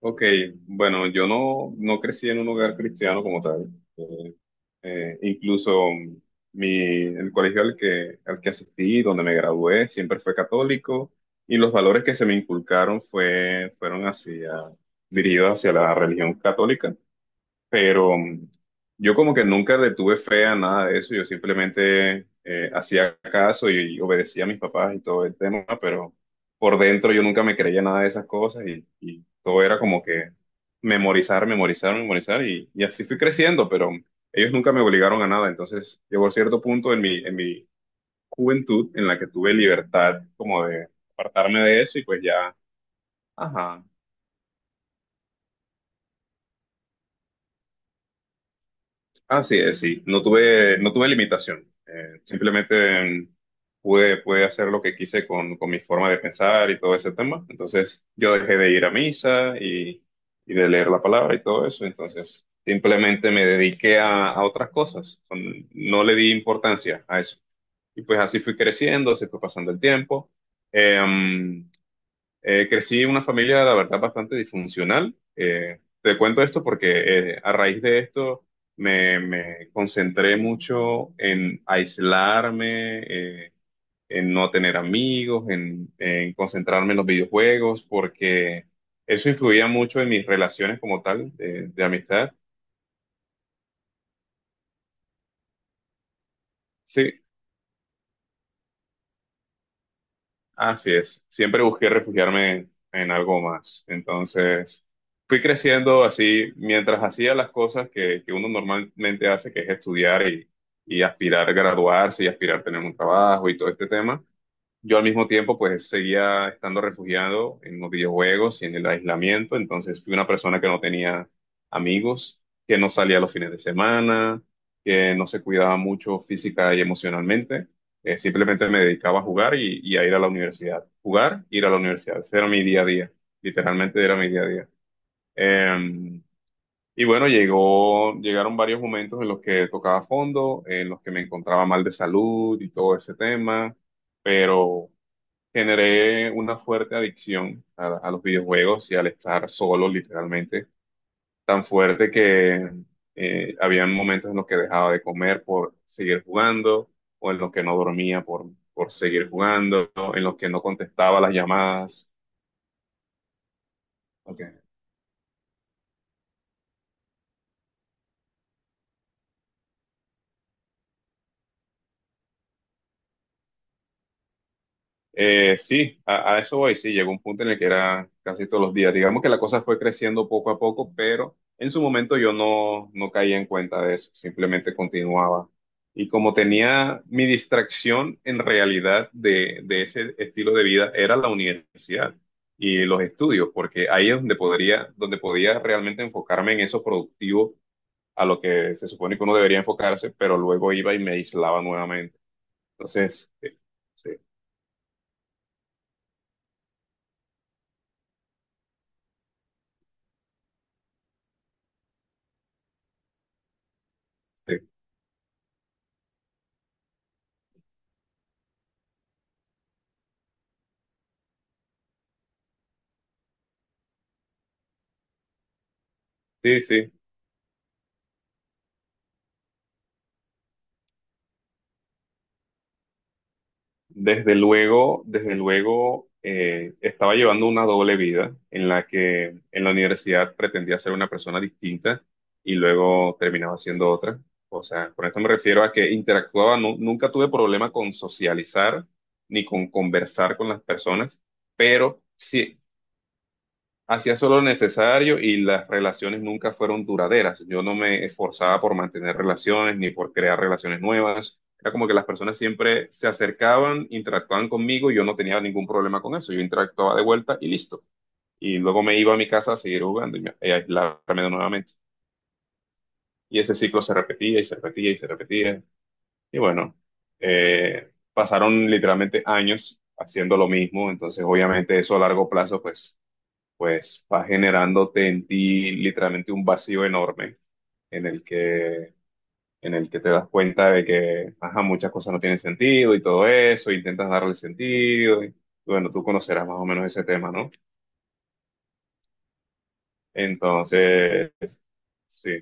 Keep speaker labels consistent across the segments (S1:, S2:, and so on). S1: Ok, bueno, yo no crecí en un hogar cristiano como tal. Eh, Incluso el colegio al que asistí, donde me gradué, siempre fue católico y los valores que se me inculcaron fueron dirigidos hacia la religión católica, pero yo como que nunca le tuve fe a nada de eso. Yo simplemente hacía caso y obedecía a mis papás y todo el tema, pero por dentro yo nunca me creía nada de esas cosas, y todo era como que memorizar, memorizar, memorizar y así fui creciendo, pero ellos nunca me obligaron a nada. Entonces llegó cierto punto en mi juventud en la que tuve libertad como de apartarme de eso y pues ya, ajá. Así es, sí. No tuve limitación. Simplemente pude hacer lo que quise con mi forma de pensar y todo ese tema. Entonces, yo dejé de ir a misa y de leer la palabra y todo eso. Entonces, simplemente me dediqué a otras cosas. No le di importancia a eso. Y pues así fui creciendo, se fue pasando el tiempo. Eh, mm, Crecí en una familia, la verdad, bastante disfuncional. Te cuento esto porque a raíz de esto me concentré mucho en aislarme, eh, en no tener amigos, en concentrarme en los videojuegos, porque eso influía mucho en mis relaciones como tal, de amistad. Sí, así es, siempre busqué refugiarme en algo más. Entonces, fui creciendo así mientras hacía las cosas que uno normalmente hace, que es estudiar y aspirar a graduarse y aspirar a tener un trabajo y todo este tema. Yo al mismo tiempo pues seguía estando refugiado en los videojuegos y en el aislamiento. Entonces fui una persona que no tenía amigos, que no salía los fines de semana, que no se cuidaba mucho física y emocionalmente. Simplemente me dedicaba a jugar y a ir a la universidad. Jugar, ir a la universidad, ese era mi día a día, literalmente era mi día a día. Em, y bueno, llegaron varios momentos en los que tocaba fondo, en los que me encontraba mal de salud y todo ese tema, pero generé una fuerte adicción a los videojuegos y al estar solo, literalmente, tan fuerte que habían momentos en los que dejaba de comer por seguir jugando, o en los que no dormía por seguir jugando, en los que no contestaba las llamadas. Ok. Sí, a eso voy, sí, llegó un punto en el que era casi todos los días. Digamos que la cosa fue creciendo poco a poco, pero en su momento yo no caía en cuenta de eso, simplemente continuaba. Y como tenía mi distracción en realidad de ese estilo de vida, era la universidad y los estudios, porque ahí es donde podía realmente enfocarme en eso productivo a lo que se supone que uno debería enfocarse, pero luego iba y me aislaba nuevamente. Entonces, sí, sí, sí. sí. desde luego, desde luego, estaba llevando una doble vida en la que en la universidad pretendía ser una persona distinta y luego terminaba siendo otra. O sea, con esto me refiero a que interactuaba, nunca tuve problema con socializar ni con conversar con las personas, pero sí. Hacía solo lo necesario y las relaciones nunca fueron duraderas. Yo no me esforzaba por mantener relaciones ni por crear relaciones nuevas. Era como que las personas siempre se acercaban, interactuaban conmigo y yo no tenía ningún problema con eso. Yo interactuaba de vuelta y listo. Y luego me iba a mi casa a seguir jugando y a aislarme nuevamente. Y ese ciclo se repetía y se repetía y se repetía. Y bueno, pasaron literalmente años haciendo lo mismo. Entonces, obviamente, eso a largo plazo, pues va generándote en ti literalmente un vacío enorme en el en el que te das cuenta de que, ajá, muchas cosas no tienen sentido y todo eso, intentas darle sentido y bueno, tú conocerás más o menos ese tema, ¿no? Entonces, sí,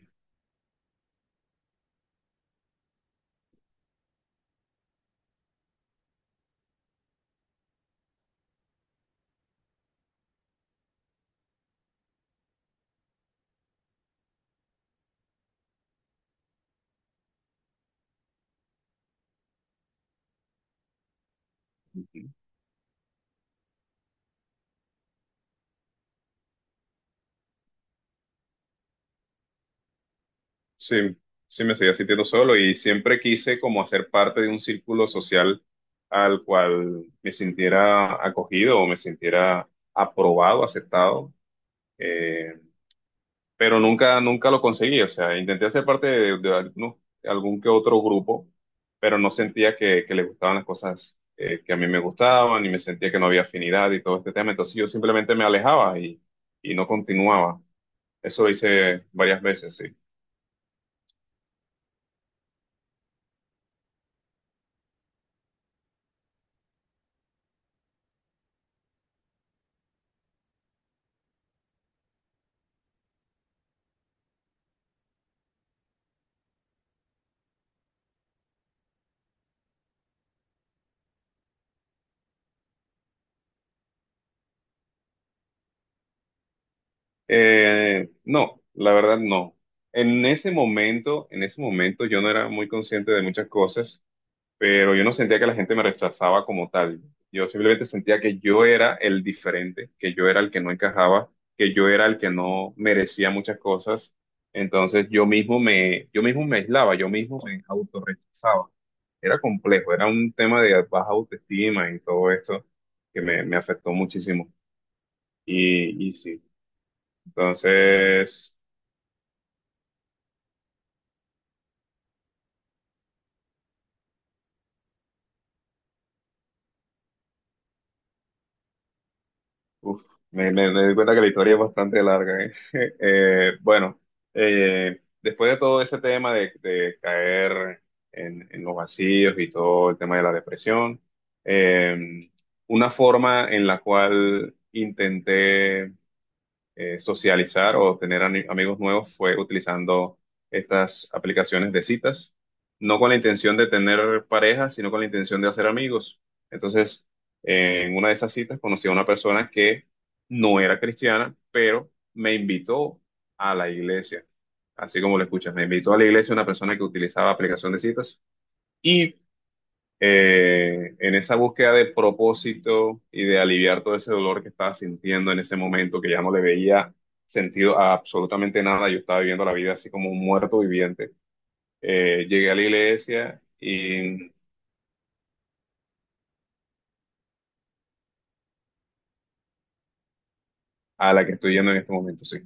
S1: sí, sí me seguía sintiendo solo y siempre quise como hacer parte de un círculo social al cual me sintiera acogido o me sintiera aprobado, aceptado. Eh, pero nunca, nunca lo conseguí. O sea, intenté hacer parte de algún que otro grupo, pero no sentía que les gustaban las cosas que a mí me gustaban y me sentía que no había afinidad y todo este tema. Entonces yo simplemente me alejaba y no continuaba. Eso lo hice varias veces, sí. No, la verdad no. En ese momento yo no era muy consciente de muchas cosas. Pero yo no sentía que la gente me rechazaba como tal. Yo simplemente sentía que yo era el diferente, que yo era el que no encajaba, que yo era el que no merecía muchas cosas. Entonces yo mismo me aislaba, yo mismo me autorrechazaba. Era complejo, era un tema de baja autoestima y todo esto que me afectó muchísimo. Y sí, entonces. Uf, me doy cuenta que la historia es bastante larga, ¿eh? Bueno, después de todo ese tema de caer en los vacíos y todo el tema de la depresión, eh, una forma en la cual intenté socializar o tener amigos nuevos fue utilizando estas aplicaciones de citas, no con la intención de tener pareja, sino con la intención de hacer amigos. Entonces, en una de esas citas conocí a una persona que no era cristiana, pero me invitó a la iglesia. Así como lo escuchas, me invitó a la iglesia una persona que utilizaba aplicación de citas. Y en esa búsqueda de propósito y de aliviar todo ese dolor que estaba sintiendo en ese momento, que ya no le veía sentido a absolutamente nada, yo estaba viviendo la vida así como un muerto viviente. Llegué a la iglesia y a la que estoy yendo en este momento, sí.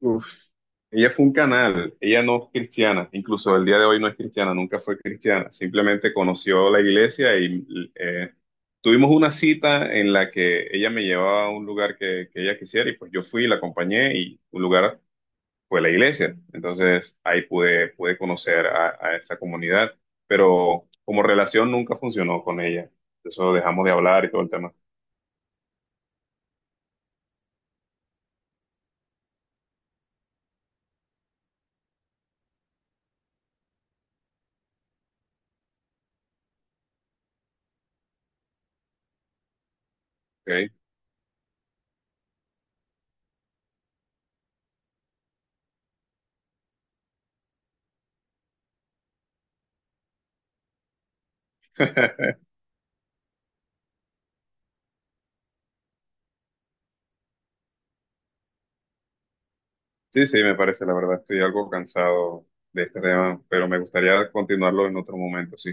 S1: Ella fue un canal, ella no es cristiana, incluso el día de hoy no es cristiana, nunca fue cristiana, simplemente conoció la iglesia y eh, tuvimos una cita en la que ella me llevaba a un lugar que ella quisiera y pues yo fui, la acompañé y un lugar fue la iglesia. Entonces ahí pude conocer a esa comunidad, pero como relación nunca funcionó con ella. Eso dejamos de hablar y todo el tema. ¿Ok? Sí, sí, me parece, la verdad, estoy algo cansado de este tema, pero me gustaría continuarlo en otro momento, sí.